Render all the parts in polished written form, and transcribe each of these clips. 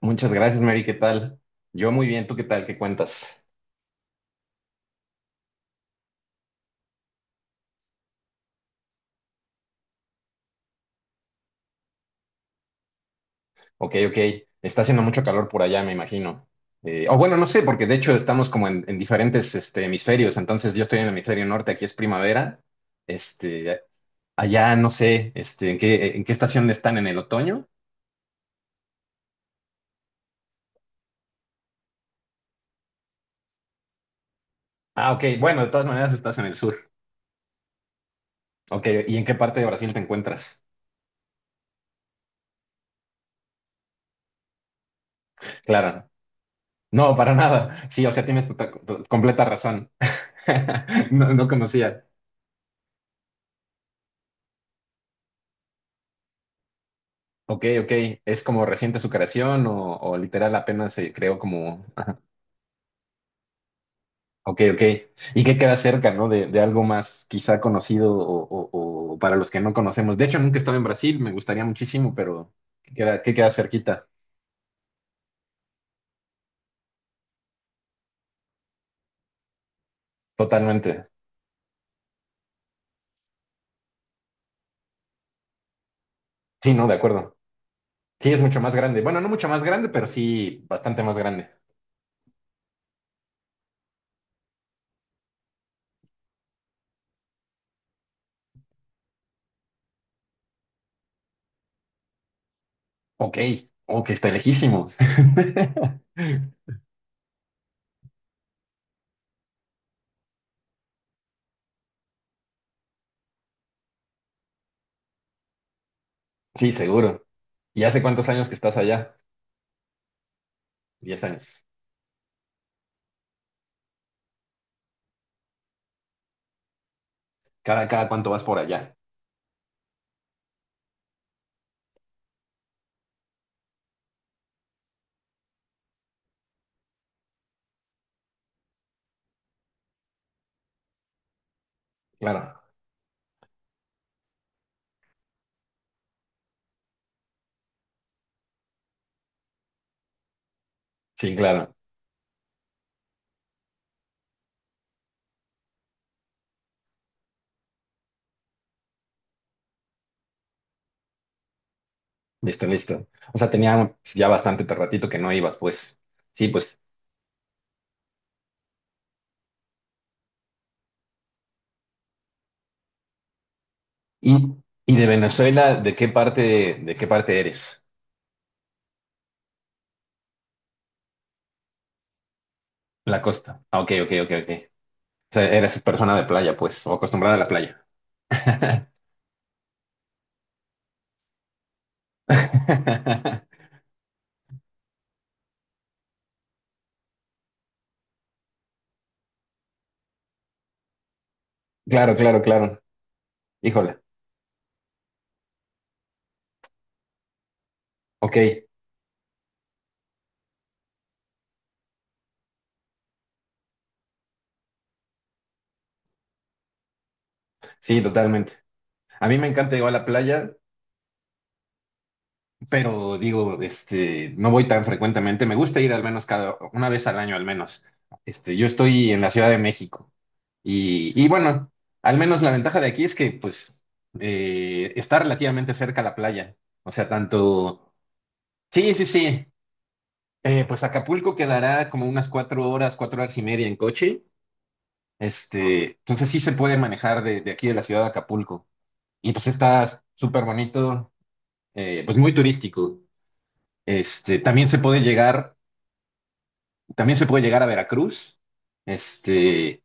Muchas gracias, Mary. ¿Qué tal? Yo muy bien. ¿Tú qué tal? ¿Qué cuentas? Ok, ok. Está haciendo mucho calor por allá, me imagino. O bueno, no sé, porque de hecho estamos como en diferentes este, hemisferios. Entonces yo estoy en el hemisferio norte, aquí es primavera. Este, allá no sé, este, ¿en qué estación están? ¿En el otoño? Ah, ok. Bueno, de todas maneras estás en el sur. Ok, ¿y en qué parte de Brasil te encuentras? Claro. No, para nada. Sí, o sea, tienes completa razón. No, no conocía. Ok, ok. ¿Es como reciente su creación o literal apenas se creó como... Ajá. Ok, ok. ¿Y qué queda cerca, ¿no? De algo más quizá conocido o para los que no conocemos. De hecho, nunca he estado en Brasil, me gustaría muchísimo, pero ¿qué queda cerquita? Totalmente. Sí, ¿no? De acuerdo. Sí, es mucho más grande. Bueno, no mucho más grande, pero sí bastante más grande. Ok, ok, está lejísimos. Sí, seguro. ¿Y hace cuántos años que estás allá? Diez años. ¿Cada cuánto vas por allá? Claro. Sí, claro. Listo, listo. O sea, tenía pues, ya bastante ratito que no ibas, pues. Sí, pues. ¿Y, de Venezuela, de qué parte eres? La costa. Ah, ok, ok, ok, ok. O sea, eres persona de playa, pues, o acostumbrada a la playa. Claro, claro, claro. Híjole. Ok, sí, totalmente. A mí me encanta ir a la playa, pero digo, este, no voy tan frecuentemente. Me gusta ir al menos cada, una vez al año al menos. Este, yo estoy en la Ciudad de México. Y bueno, al menos la ventaja de aquí es que pues está relativamente cerca la playa. O sea, tanto... Sí, sí, sí. Pues Acapulco quedará como unas cuatro horas y media en coche. Este, entonces sí se puede manejar de aquí de la ciudad de Acapulco. Y pues está súper bonito, pues muy turístico. Este, también se puede llegar a Veracruz. Este,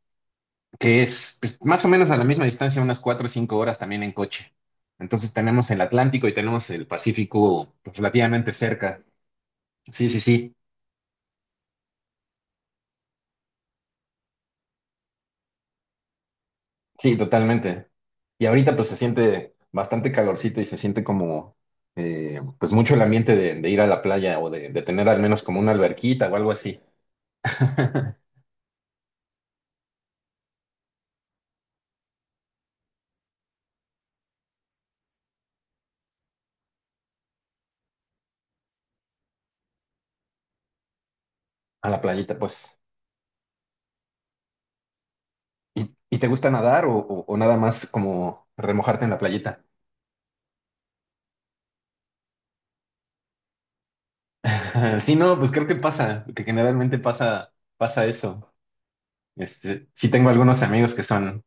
que es pues, más o menos a la misma distancia, unas cuatro o cinco horas también en coche. Entonces tenemos el Atlántico y tenemos el Pacífico pues, relativamente cerca. Sí, sí, sí, sí, totalmente. Y ahorita pues se siente bastante calorcito y se siente como pues mucho el ambiente de ir a la playa de tener al menos como una alberquita o algo así. A la playita, pues. Y te gusta nadar o nada más como remojarte en la playita? Sí, no, pues creo que pasa, que generalmente pasa, pasa eso. Este, sí tengo algunos amigos que son,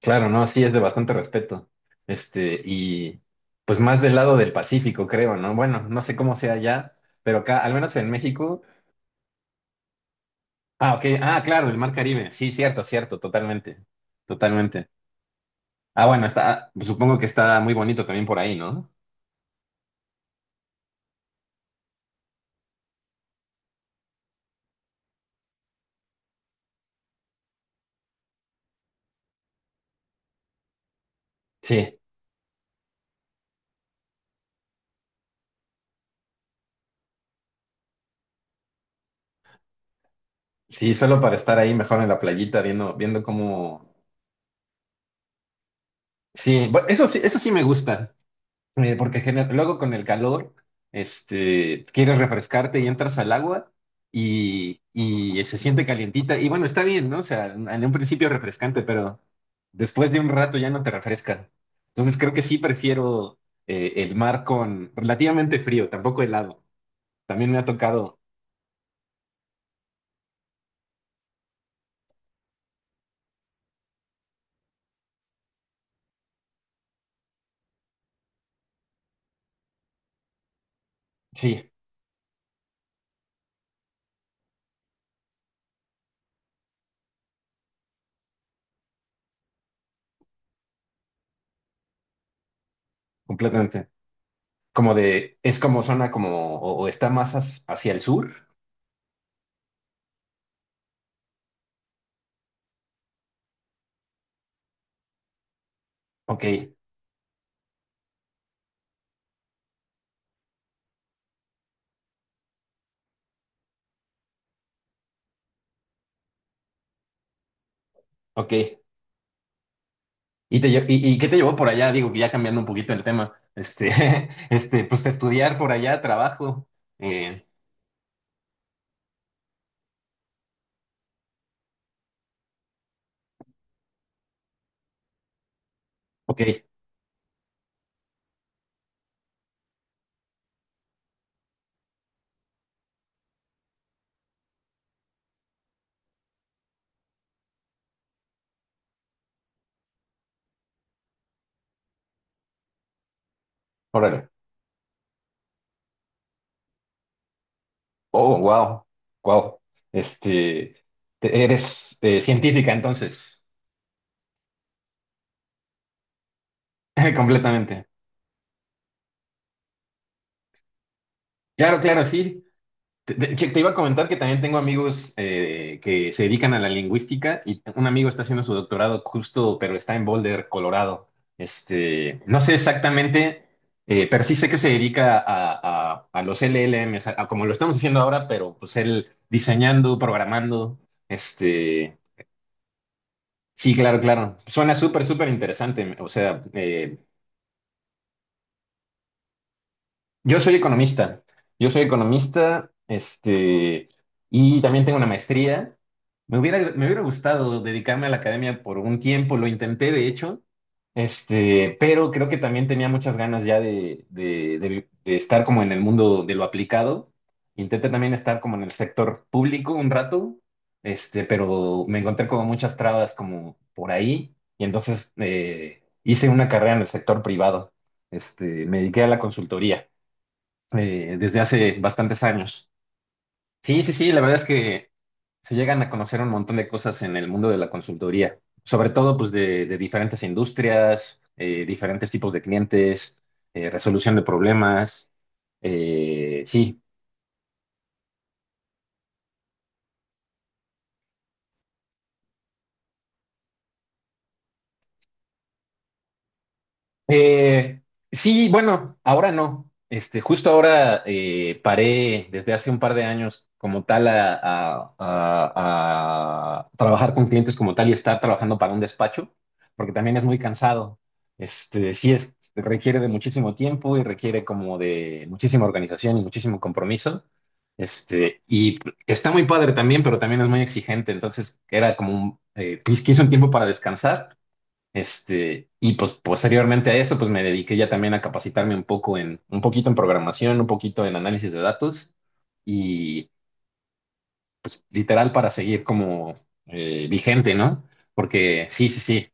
claro, ¿no? Sí, es de bastante respeto. Este, y pues más del lado del Pacífico, creo, ¿no? Bueno, no sé cómo sea allá, pero acá, al menos en México. Ah, ok. Ah, claro, el Mar Caribe. Sí, cierto, cierto, totalmente. Totalmente. Ah, bueno, está, supongo que está muy bonito también por ahí, ¿no? Sí, sí, solo para estar ahí mejor en la playita viendo, viendo cómo. Sí, eso sí, eso sí me gusta. Porque luego con el calor, este, quieres refrescarte y entras al agua y se siente calientita. Y bueno, está bien, ¿no? O sea, en un principio refrescante, pero después de un rato ya no te refresca. Entonces creo que sí prefiero el mar con relativamente frío, tampoco helado. También me ha tocado, sí, completamente. Como de, es como zona como, o está más hacia el sur. Ok, ok. ¿Y, y qué te llevó por allá? Digo que ya cambiando un poquito el tema. Este, este, pues de estudiar por allá, trabajo. Eh, ok, órale. Oh, wow, wow. Este, eres científica entonces, completamente. Claro, claro, sí. Te iba a comentar que también tengo amigos que se dedican a la lingüística y un amigo está haciendo su doctorado justo, pero está en Boulder, Colorado. Este, no sé exactamente, pero sí sé que se dedica a los LLMs, a como lo estamos haciendo ahora, pero pues él diseñando, programando. Este, sí, claro, claro. Suena súper, súper interesante. O sea, yo soy economista, yo soy economista, este, y también tengo una maestría. Me hubiera gustado dedicarme a la academia por un tiempo, lo intenté de hecho, este, pero creo que también tenía muchas ganas ya de estar como en el mundo de lo aplicado. Intenté también estar como en el sector público un rato, este, pero me encontré como muchas trabas como por ahí, y entonces hice una carrera en el sector privado, este, me dediqué a la consultoría desde hace bastantes años. Sí, sí, sí, la verdad es que se llegan a conocer un montón de cosas en el mundo de la consultoría, sobre todo pues de diferentes industrias, diferentes tipos de clientes, resolución de problemas. Eh, sí, Eh, sí, bueno, ahora no. Este, justo ahora paré desde hace un par de años como tal a trabajar con clientes como tal y estar trabajando para un despacho, porque también es muy cansado. Este, sí es, requiere de muchísimo tiempo y requiere como de muchísima organización y muchísimo compromiso. Este, y está muy padre también, pero también es muy exigente. Entonces era como un, quise un tiempo para descansar. Este, y pues posteriormente a eso, pues me dediqué ya también a capacitarme un poco un poquito en programación, un poquito en análisis de datos y pues literal para seguir como vigente, ¿no? Porque sí, sí, sí,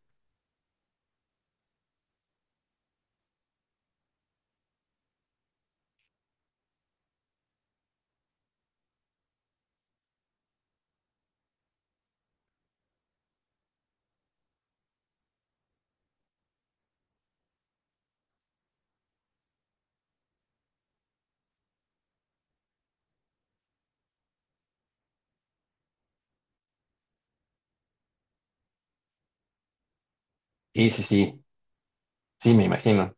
sí, sí, sí, sí, me imagino.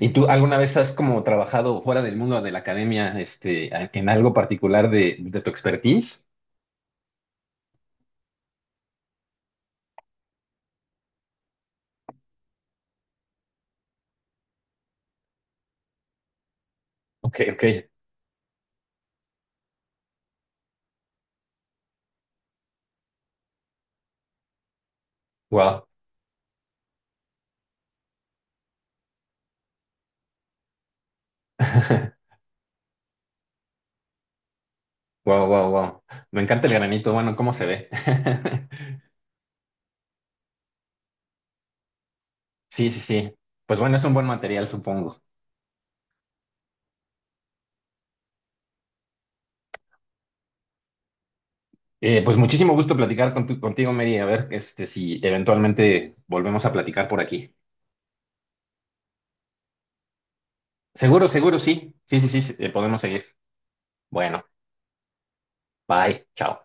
¿Y tú alguna vez has como trabajado fuera del mundo de la academia, este, en algo particular de tu expertise? Ok, ok, wow. Wow, wow, wow. Me encanta el granito, bueno, ¿cómo se ve? Sí, sí, sí. Pues bueno, es un buen material, supongo. Pues muchísimo gusto platicar con contigo, Mary. A ver, este, si eventualmente volvemos a platicar por aquí. Seguro, seguro, sí. Sí, sí, sí, sí, podemos seguir. Bueno, bye, chao.